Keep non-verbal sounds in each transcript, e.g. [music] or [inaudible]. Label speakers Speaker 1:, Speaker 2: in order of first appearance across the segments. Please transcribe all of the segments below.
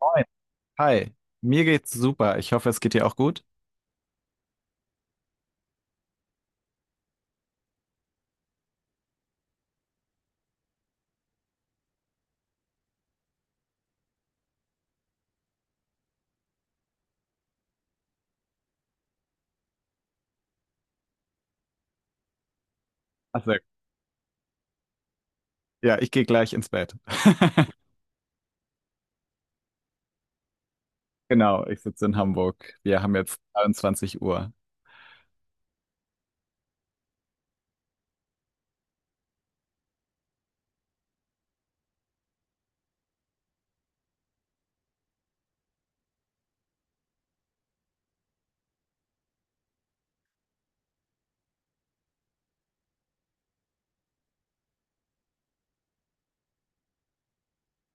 Speaker 1: Moin. Hi, mir geht's super. Ich hoffe, es geht dir auch gut. Also, ja, ich gehe gleich ins Bett. [laughs] Genau, ich sitze in Hamburg. Wir haben jetzt 23 Uhr.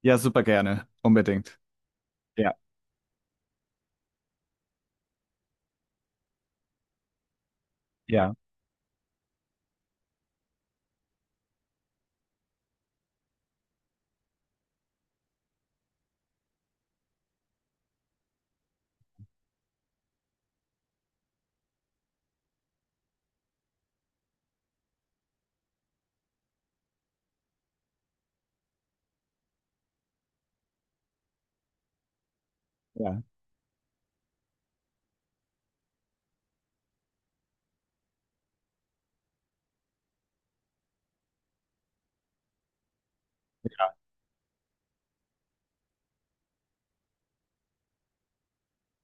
Speaker 1: Ja, super gerne. Unbedingt. Ja, ja, ja.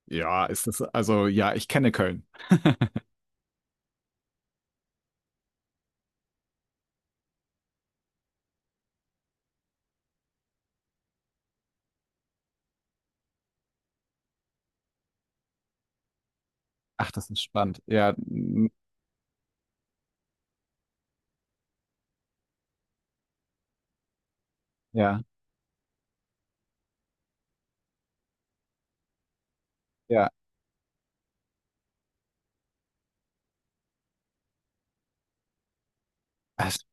Speaker 1: Ja, ist das, also ja, ich kenne Köln. Ach, das ist spannend. Ja, ja, ja. Hast,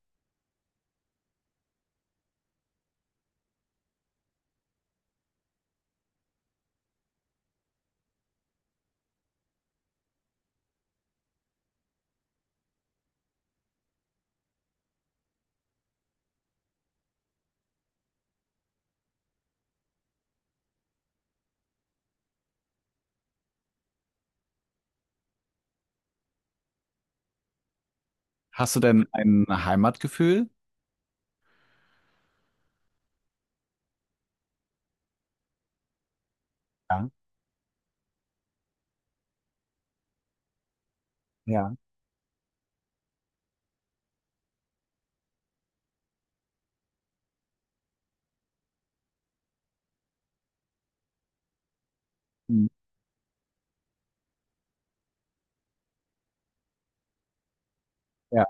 Speaker 1: Hast du denn ein Heimatgefühl? Ja, ja, mm, ja,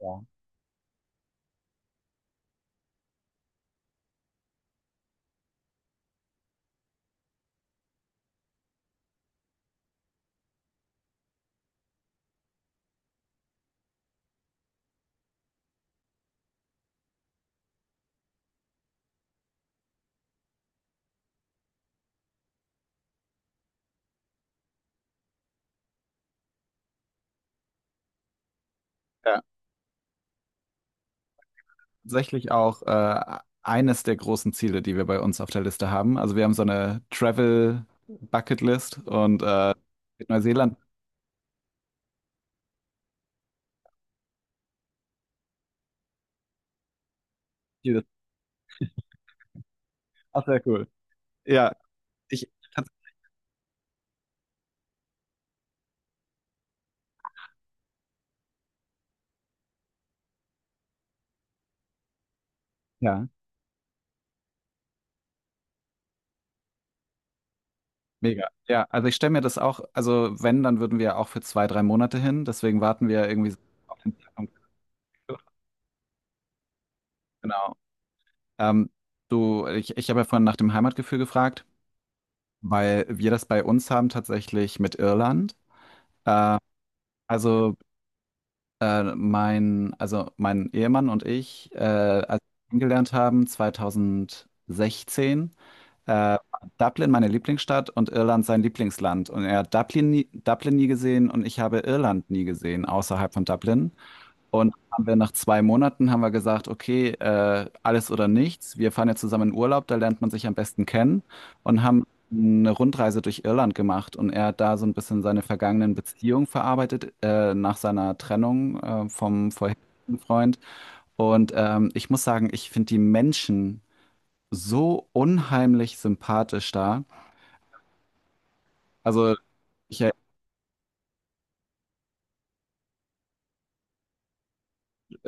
Speaker 1: ja. Ja, tatsächlich auch eines der großen Ziele, die wir bei uns auf der Liste haben. Also wir haben so eine Travel Bucket List und mit Neuseeland. Ziel- Ach, sehr cool. Ja, ich, tats- ja, mega. Ja, also ich stelle mir das auch, also wenn, dann würden wir auch für zwei, drei Monate hin. Deswegen warten wir irgendwie so auf den Zeitpunkt. Genau. Ähm, du, ich habe ja vorhin nach dem Heimatgefühl gefragt, weil wir das bei uns haben tatsächlich mit Irland. Äh, also mein, mein Ehemann und ich, als wir kennengelernt haben, 2016, äh, Dublin meine Lieblingsstadt und Irland sein Lieblingsland. Und er hat Dublin nie gesehen und ich habe Irland nie gesehen außerhalb von Dublin. Und haben wir nach zwei Monaten haben wir gesagt, okay, alles oder nichts. Wir fahren jetzt zusammen in Urlaub, da lernt man sich am besten kennen und haben eine Rundreise durch Irland gemacht. Und er hat da so ein bisschen seine vergangenen Beziehungen verarbeitet, nach seiner Trennung, vom vorherigen Freund. Und ich muss sagen, ich finde die Menschen so unheimlich sympathisch da. Also ich, äh,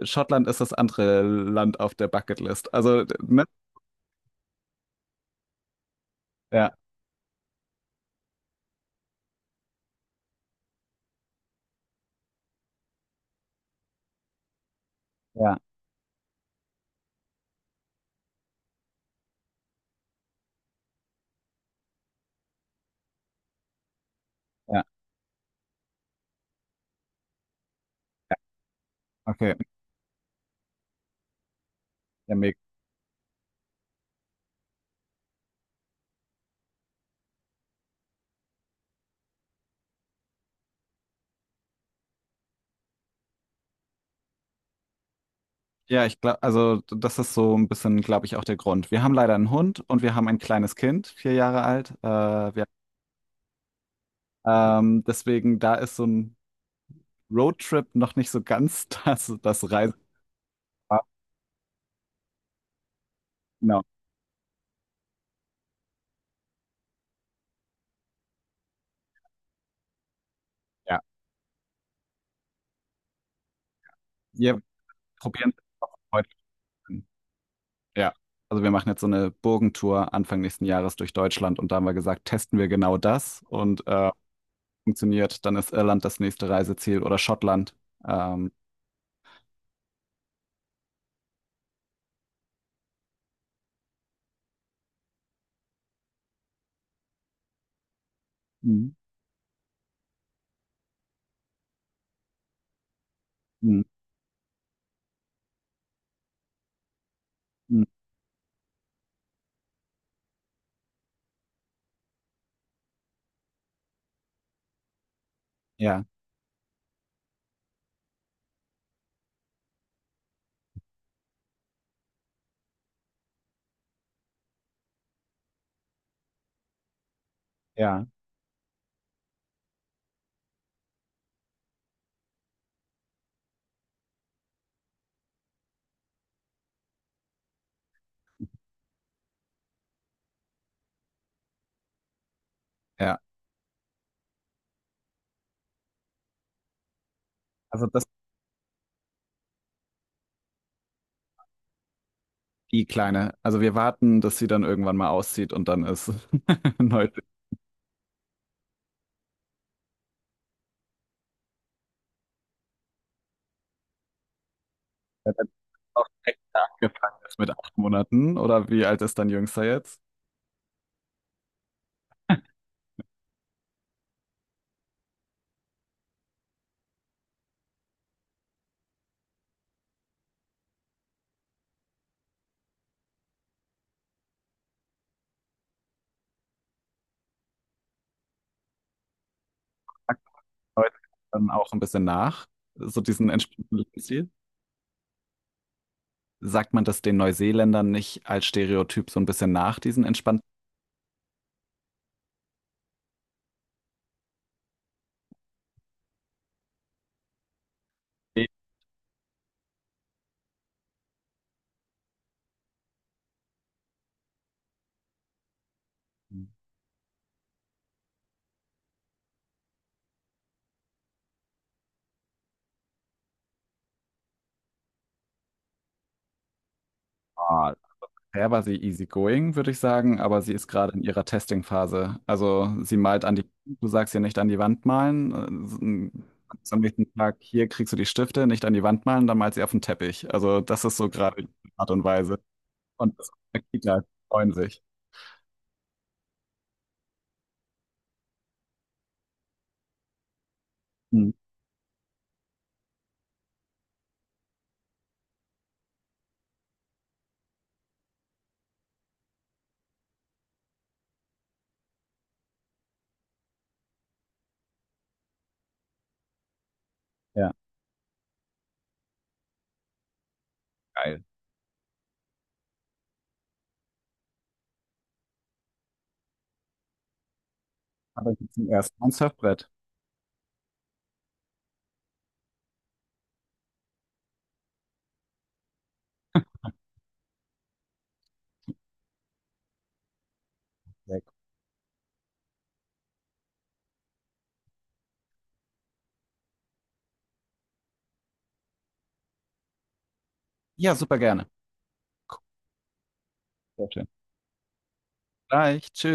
Speaker 1: Schottland ist das andere Land auf der Bucketlist. Also, ne? Ja, ja, ja, okay. Ja, mega. Ja, ich glaube, also das ist so ein bisschen, glaube ich, auch der Grund. Wir haben leider einen Hund und wir haben ein kleines Kind, 4 Jahre alt. Deswegen, da ist so ein Roadtrip noch nicht so ganz [laughs] das Reise. Genau, ja. Wir probieren es heute an. Ja. Also wir machen jetzt so eine Burgentour Anfang nächsten Jahres durch Deutschland und da haben wir gesagt, testen wir genau das und funktioniert, dann ist Irland das nächste Reiseziel oder Schottland. Ähm, mhm. Mhm. Mhm. Ja, ja, ja. Also das. Die Kleine. Also wir warten, dass sie dann irgendwann mal auszieht und dann ist [laughs] neu. Ja, dann ist auch direkt angefangen, ist mit 8 Monaten oder wie alt ist dein Jüngster jetzt? Heute dann auch ein bisschen nach, so diesen entspannten Lebensstil. Sagt man das den Neuseeländern nicht als Stereotyp so ein bisschen nach, diesen entspannten Lebensstil? Bisher war sie easygoing, würde ich sagen, aber sie ist gerade in ihrer Testing-Phase. Also sie malt an die, du sagst ihr nicht an die Wand malen. äh, Am nächsten Tag, hier kriegst du die Stifte, nicht an die Wand malen, dann malt sie auf den Teppich. Also das ist so gerade die Art und Weise. Und die Kinder freuen sich. Hm, ja, geil. Aber ich zum ersten Mal ein Surfbrett. Sehr cool. Ja, super gerne. Sehr schön. Gleich, tschüss.